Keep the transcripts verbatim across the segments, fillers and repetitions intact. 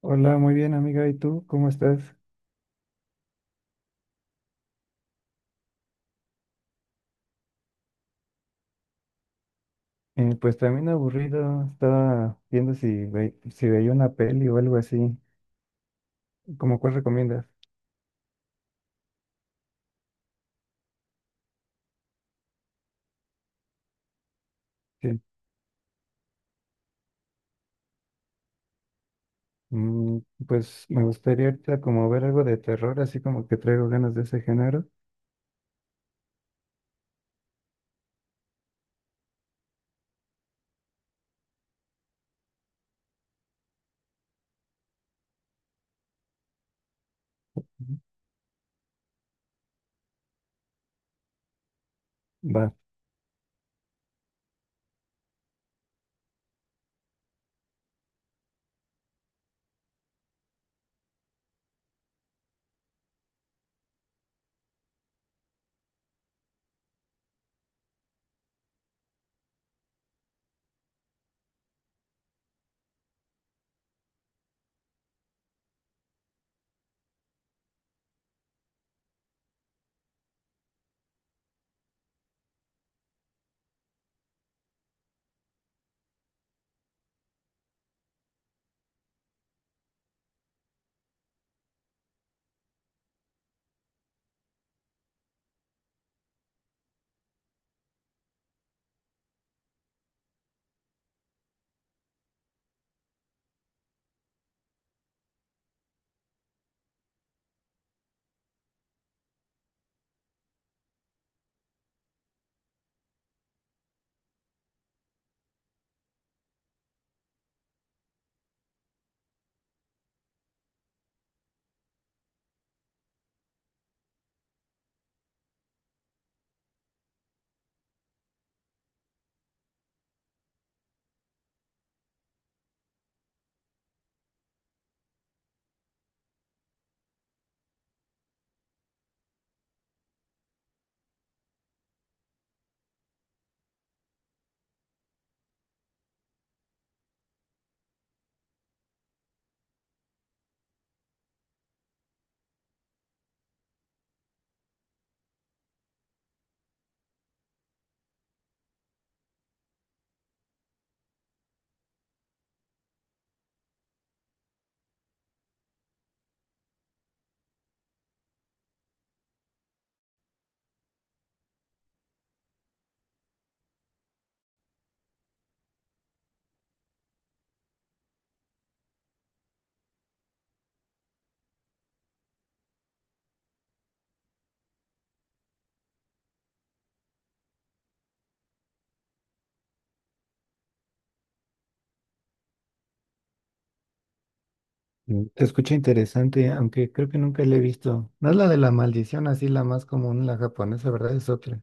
Hola, muy bien amiga, ¿y tú cómo estás? Eh, pues también aburrido, estaba viendo si, ve- si veía una peli o algo así, ¿cómo cuál recomiendas? Sí. Mm, pues me gustaría ahorita como ver algo de terror, así como que traigo ganas de ese género. Ujú. Va, mm, te escucha interesante, aunque creo que nunca la he visto. No es la de la maldición, así la más común, la japonesa, ¿verdad? Es otra.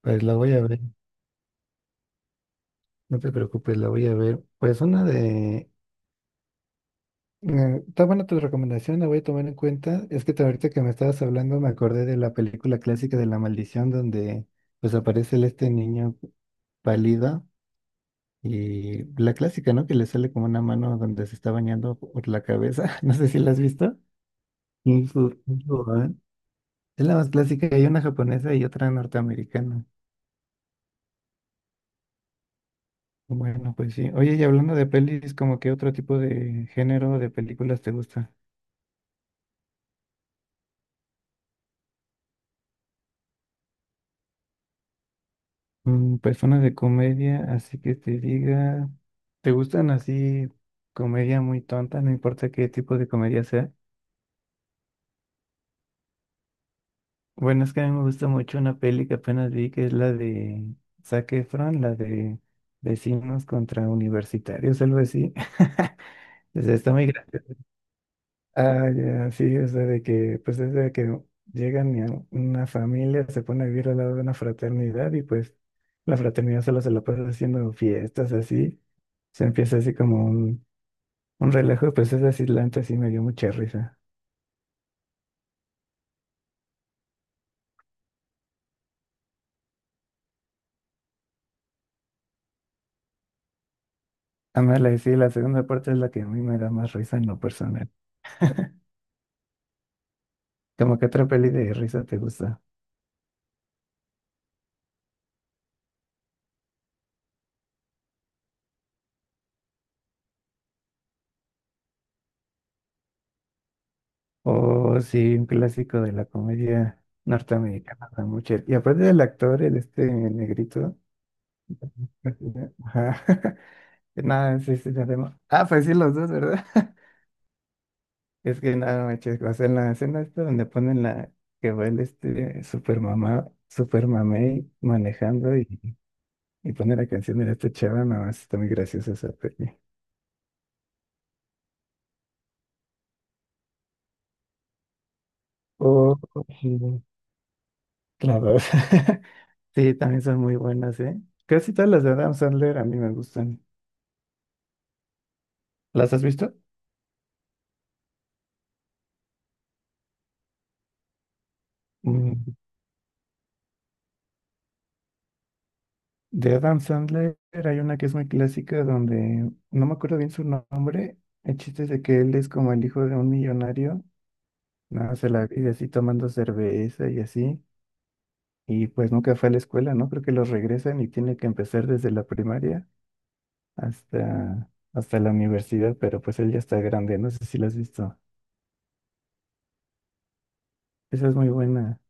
Pues la voy a ver, no te preocupes, la voy a ver. Pues una de Eh, Está buena tu recomendación, la voy a tomar en cuenta. Es que te- ahorita que me estabas hablando me acordé de la película clásica de La Maldición donde pues aparece el- este niño pálido y la clásica, ¿no? Que le sale como una mano donde se está bañando por la cabeza. No sé si la has visto. Kung Fu- Kung Fu Panda. Es la más clásica, hay una japonesa y otra norteamericana. Bueno, pues sí. Oye, y hablando de pelis, ¿como qué otro tipo de género de películas te gusta? Mm, Personas de comedia, así que te diga, ¿te gustan así comedia muy tonta? No importa qué tipo de comedia sea. Bueno, es que a mí me gusta mucho una peli que apenas vi, que es la de Zac Efron, la de Vecinos contra Universitarios, algo así. O sea, está muy gra-. Ah, ya, sí, o sea, de que, pues es de que llegan y a una familia, se pone a vivir al lado de una fraternidad y pues la fraternidad solo se la pasa haciendo fiestas así. Se empieza así como un. Un relajo de princesas islantes sí me dio mucha risa. Además, la, sí, la segunda parte es la que a mí me da más risa en lo personal. ¿Como que otra peli de risa te gusta? O sí, un clásico de la comedia norteamericana, da mucha-. Y aparte del actor, el este el negrito. Ajá. Nada, sí, sí, ya vemos. Ah, pues sí, los dos, ¿verdad? Es que nada, manches, o sea, en la escena esta donde ponen la que va el este super mamá, super mamey manejando y Y pone la canción de esta chava, no, está muy graciosa esa peli. Oh, sí, la. Sí, también son muy buenas, ¿eh? Casi todas las de Adam Sandler a mí me gustan. ¿Las has visto? Mm, De Adam Sandler hay una que es muy clásica donde no me acuerdo bien su nombre. El chiste es de que él es como el hijo de un millonario, no, se la vive así tomando cerveza y así. Y pues nunca fue a la escuela, ¿no? Creo que los regresan y tiene que empezar desde la primaria. hasta, hasta la universidad, pero pues él ya está grande, no sé si lo has visto. Esa es muy buena.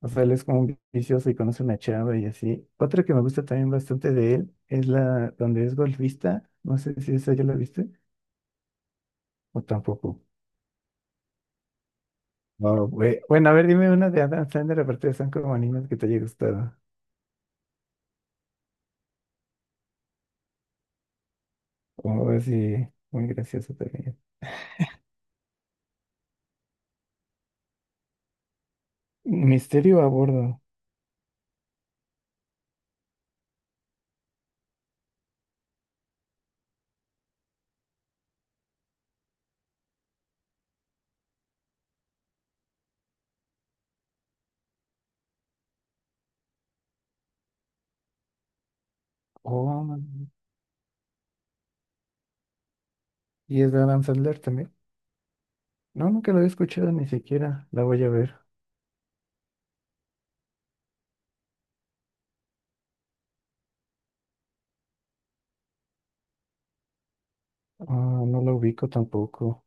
O sea, él es como un vicioso y conoce una chava y así. Otra que me gusta también bastante de él es la donde es golfista. No sé si esa ya la viste o tampoco. No, güey. Bueno, a ver, dime una de Adam Sandler, aparte de San Animas que te haya gustado. Como así, muy gracioso también. Misterio a bordo. Oh, man. Y es de Adam Sandler también. No, nunca lo había escuchado ni siquiera. La voy a ver. Ah, no la ubico tampoco.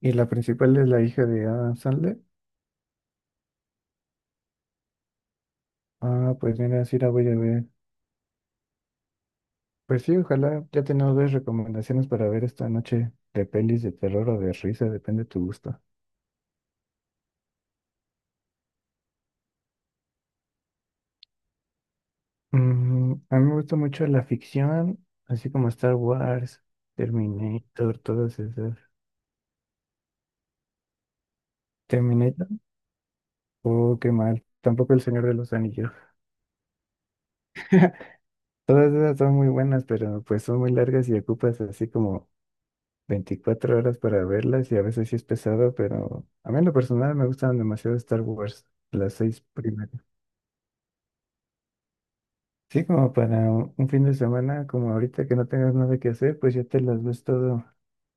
¿Y la principal es la hija de Adam Sandler? Ah, pues mira, sí la voy a ver. Pues sí, ojalá ya tenemos dos recomendaciones para ver esta noche de pelis de terror o de risa, depende de tu gusto. Mm, a mí me gusta mucho la ficción, así como Star Wars, Terminator, todas esas. ¿Terminator? Oh, qué mal. Tampoco El Señor de los Anillos. Todas esas son muy buenas, pero pues son muy largas y ocupas así como Veinticuatro horas para verlas y a veces sí es pesado, pero a mí en lo personal me gustan demasiado Star Wars, las seis primeras. Sí, como para un un fin de semana, como ahorita que no tengas nada que hacer, pues ya te las ves todo,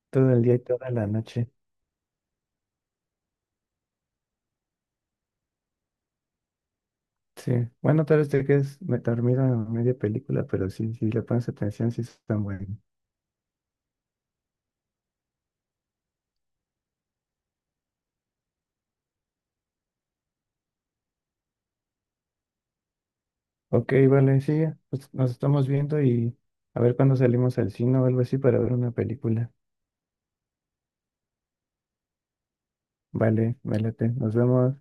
todo el día y toda la noche. Sí, bueno, tal vez te quedes me- dormido en media película, pero sí, si le pones atención, sí están buenas. Ok, vale, sí, pues nos estamos viendo y a ver cuándo salimos al cine o algo así para ver una película. Vale, me late, nos vemos.